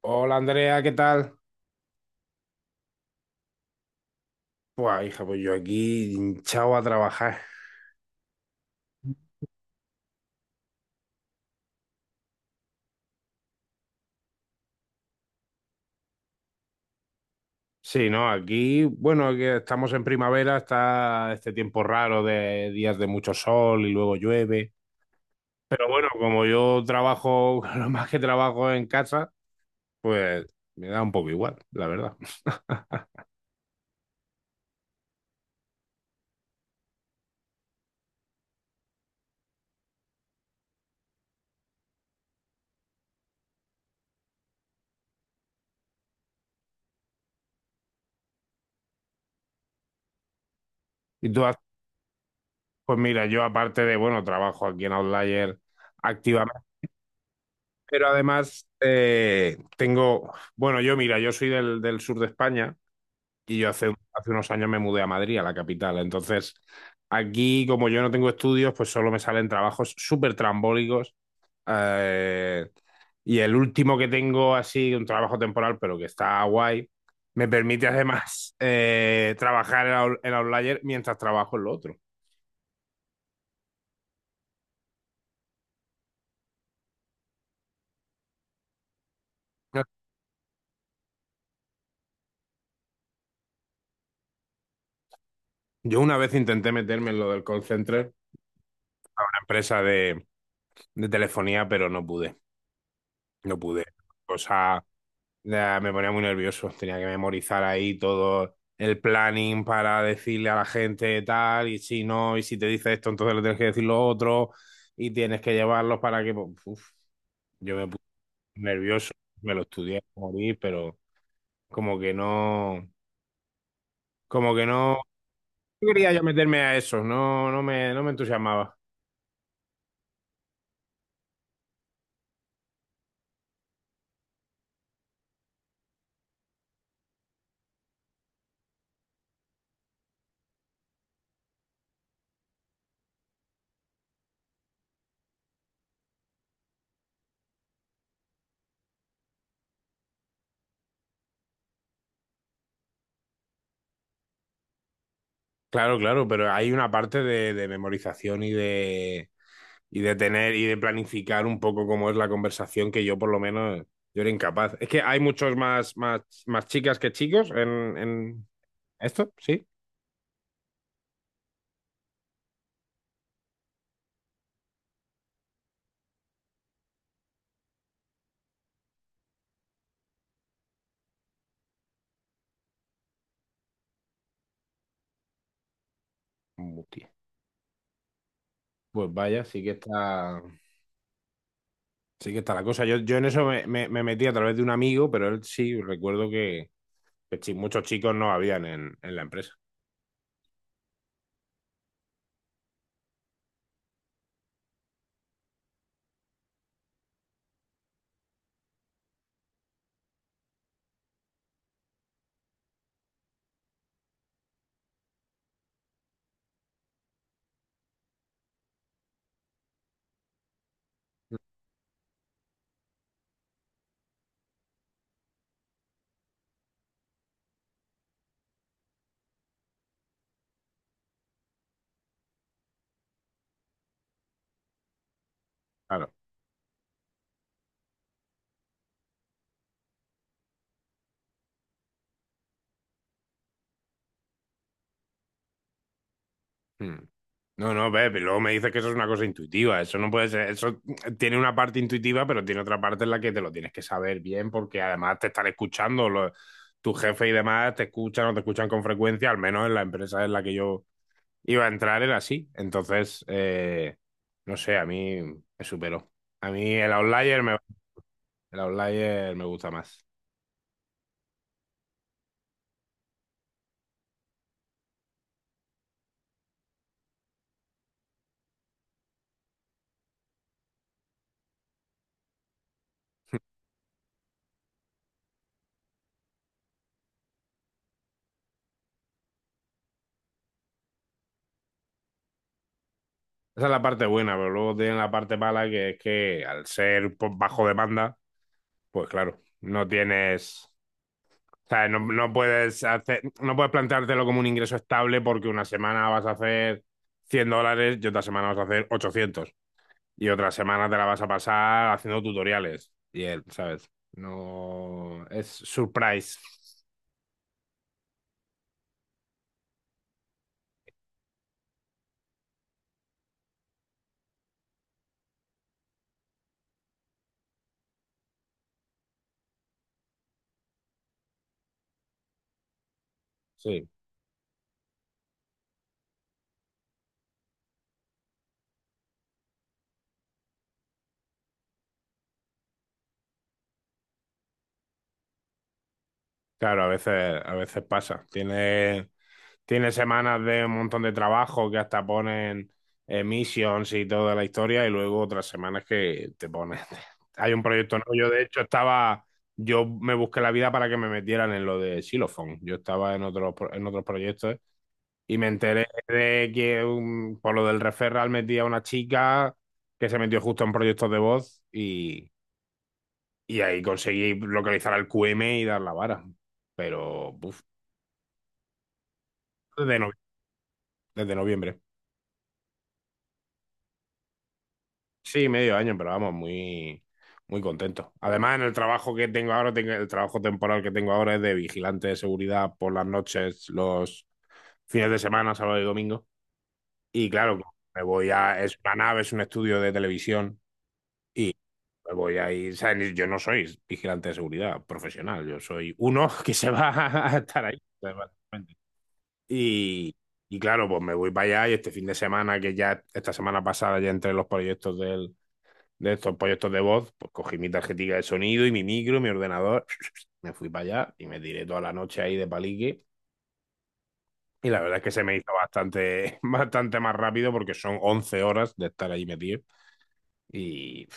Hola Andrea, ¿qué tal? Pues hija, pues yo aquí hinchado a trabajar. Sí, ¿no? Aquí, bueno, que estamos en primavera, está este tiempo raro de días de mucho sol y luego llueve. Pero bueno, como yo trabajo, lo más que trabajo en casa, pues me da un poco igual, la verdad. Y pues mira, yo aparte de, bueno, trabajo aquí en Outlier activamente, pero además tengo, bueno, yo mira, yo soy del sur de España. Y yo hace unos años me mudé a Madrid, a la capital. Entonces, aquí, como yo no tengo estudios, pues solo me salen trabajos súper trambólicos. Eh, y el último que tengo, así, un trabajo temporal, pero que está guay, me permite además trabajar en Outlier mientras trabajo en lo otro. Yo una vez intenté meterme en lo del call center, una empresa de telefonía, pero no pude. Cosa. Ya, me ponía muy nervioso, tenía que memorizar ahí todo el planning para decirle a la gente tal, y si no, y si te dice esto, entonces le tienes que decir lo otro, y tienes que llevarlos para que pues, uf, yo me puse nervioso, me lo estudié a morir, pero como que no, como que no, no quería yo meterme a eso, no, no me entusiasmaba. Claro, claro, pero hay una parte de memorización y de tener y de planificar un poco cómo es la conversación que yo por lo menos yo era incapaz. Es que hay más chicas que chicos en esto, ¿sí? Hostia. Pues vaya, sí que está la cosa. Yo en eso me metí a través de un amigo, pero él sí, recuerdo muchos chicos no habían en la empresa. Claro. Hmm. No, no, ve, pero luego me dices que eso es una cosa intuitiva, eso no puede ser, eso tiene una parte intuitiva, pero tiene otra parte en la que te lo tienes que saber bien, porque además te están escuchando, los, tu jefe y demás te escuchan o te escuchan con frecuencia, al menos en la empresa en la que yo iba a entrar era así, entonces, no sé, a mí me superó, a mí el outlier me gusta más. Esa es la parte buena, pero luego tiene la parte mala que es que al ser pues, bajo demanda, pues claro, no tienes. O sea, no puedes hacer, no puedes planteártelo como un ingreso estable porque una semana vas a hacer $100 y otra semana vas a hacer 800. Y otra semana te la vas a pasar haciendo tutoriales. Y él, ¿sabes? No. Es surprise. Sí. Claro, a veces pasa. Tiene semanas de un montón de trabajo que hasta ponen missions y toda la historia, y luego otras semanas que te ponen. Hay un proyecto nuevo. Yo, de hecho, estaba. Yo me busqué la vida para que me metieran en lo de Xylophone. Yo estaba en en otros proyectos y me enteré de que por lo del referral metí a una chica que se metió justo en proyectos de y ahí conseguí localizar al QM y dar la vara. Pero uf, desde, no- desde noviembre. Sí, medio año, pero vamos, muy contento. Además, en el trabajo que tengo ahora, el trabajo temporal que tengo ahora es de vigilante de seguridad por las noches, los fines de semana, sábado y domingo. Y claro, es una nave, es un estudio de televisión y me voy a ir, o yo no soy vigilante de seguridad profesional, yo soy uno que se va a estar ahí básicamente. Y, y claro, pues me voy para allá y este fin de semana, que ya esta semana pasada, ya entre los proyectos del de estos proyectos de voz, pues cogí mi tarjetita de sonido y mi micro, mi ordenador, me fui para allá y me tiré toda la noche ahí de palique. Y la verdad es que se me hizo bastante más rápido porque son 11 horas de estar ahí metido. Y,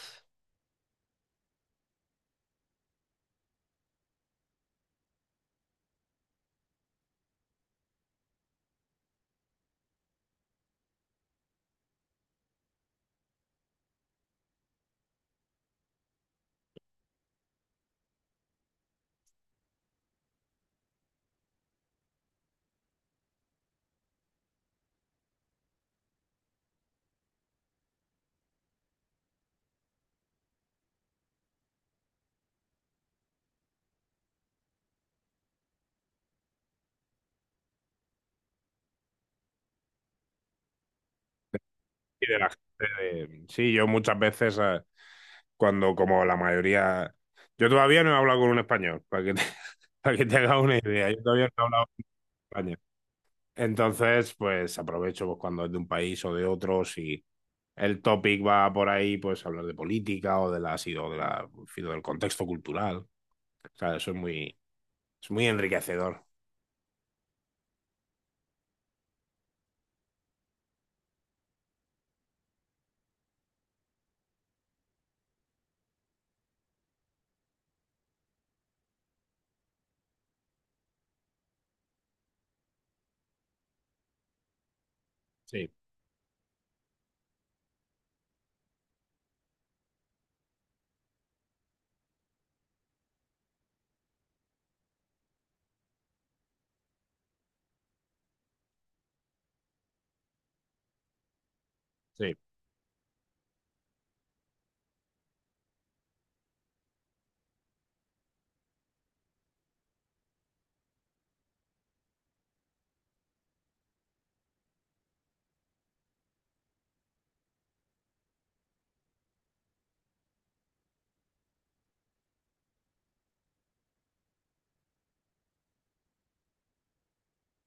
y de la gente, sí, yo muchas veces, cuando como la mayoría, yo todavía no he hablado con un español, para que te hagas una idea, yo todavía no he hablado con un español. Entonces, pues aprovecho pues, cuando es de un país o de otro, si el topic va por ahí, pues hablar de política o de la, en del contexto cultural. O sea, es muy enriquecedor. Sí, sí.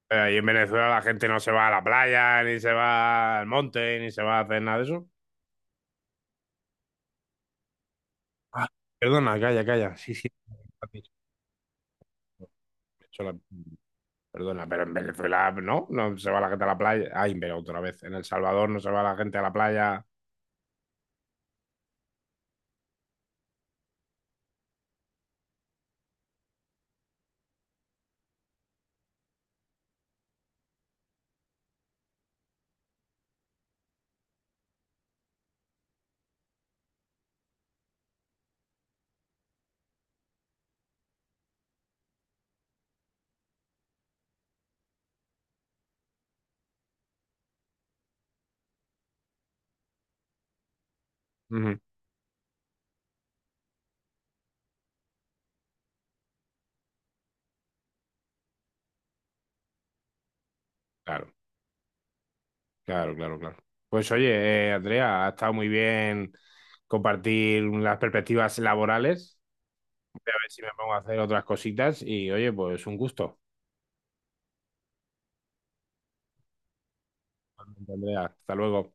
Pero ahí en Venezuela la gente no se va a la playa, ni se va al monte, ni se va a hacer nada de eso. Ah, perdona, calla, calla. Sí, sí, lo has dicho. He hecho la. Perdona, pero en Venezuela no se va la gente a la playa. Ay, pero otra vez, en El Salvador no se va la gente a la playa. Ujú. Claro. Claro, claro, claro. Pues oye, Andrea, ha estado muy bien compartir las perspectivas laborales. Voy a ver si me pongo a hacer otras cositas y oye, pues un gusto. Andrea, hasta luego.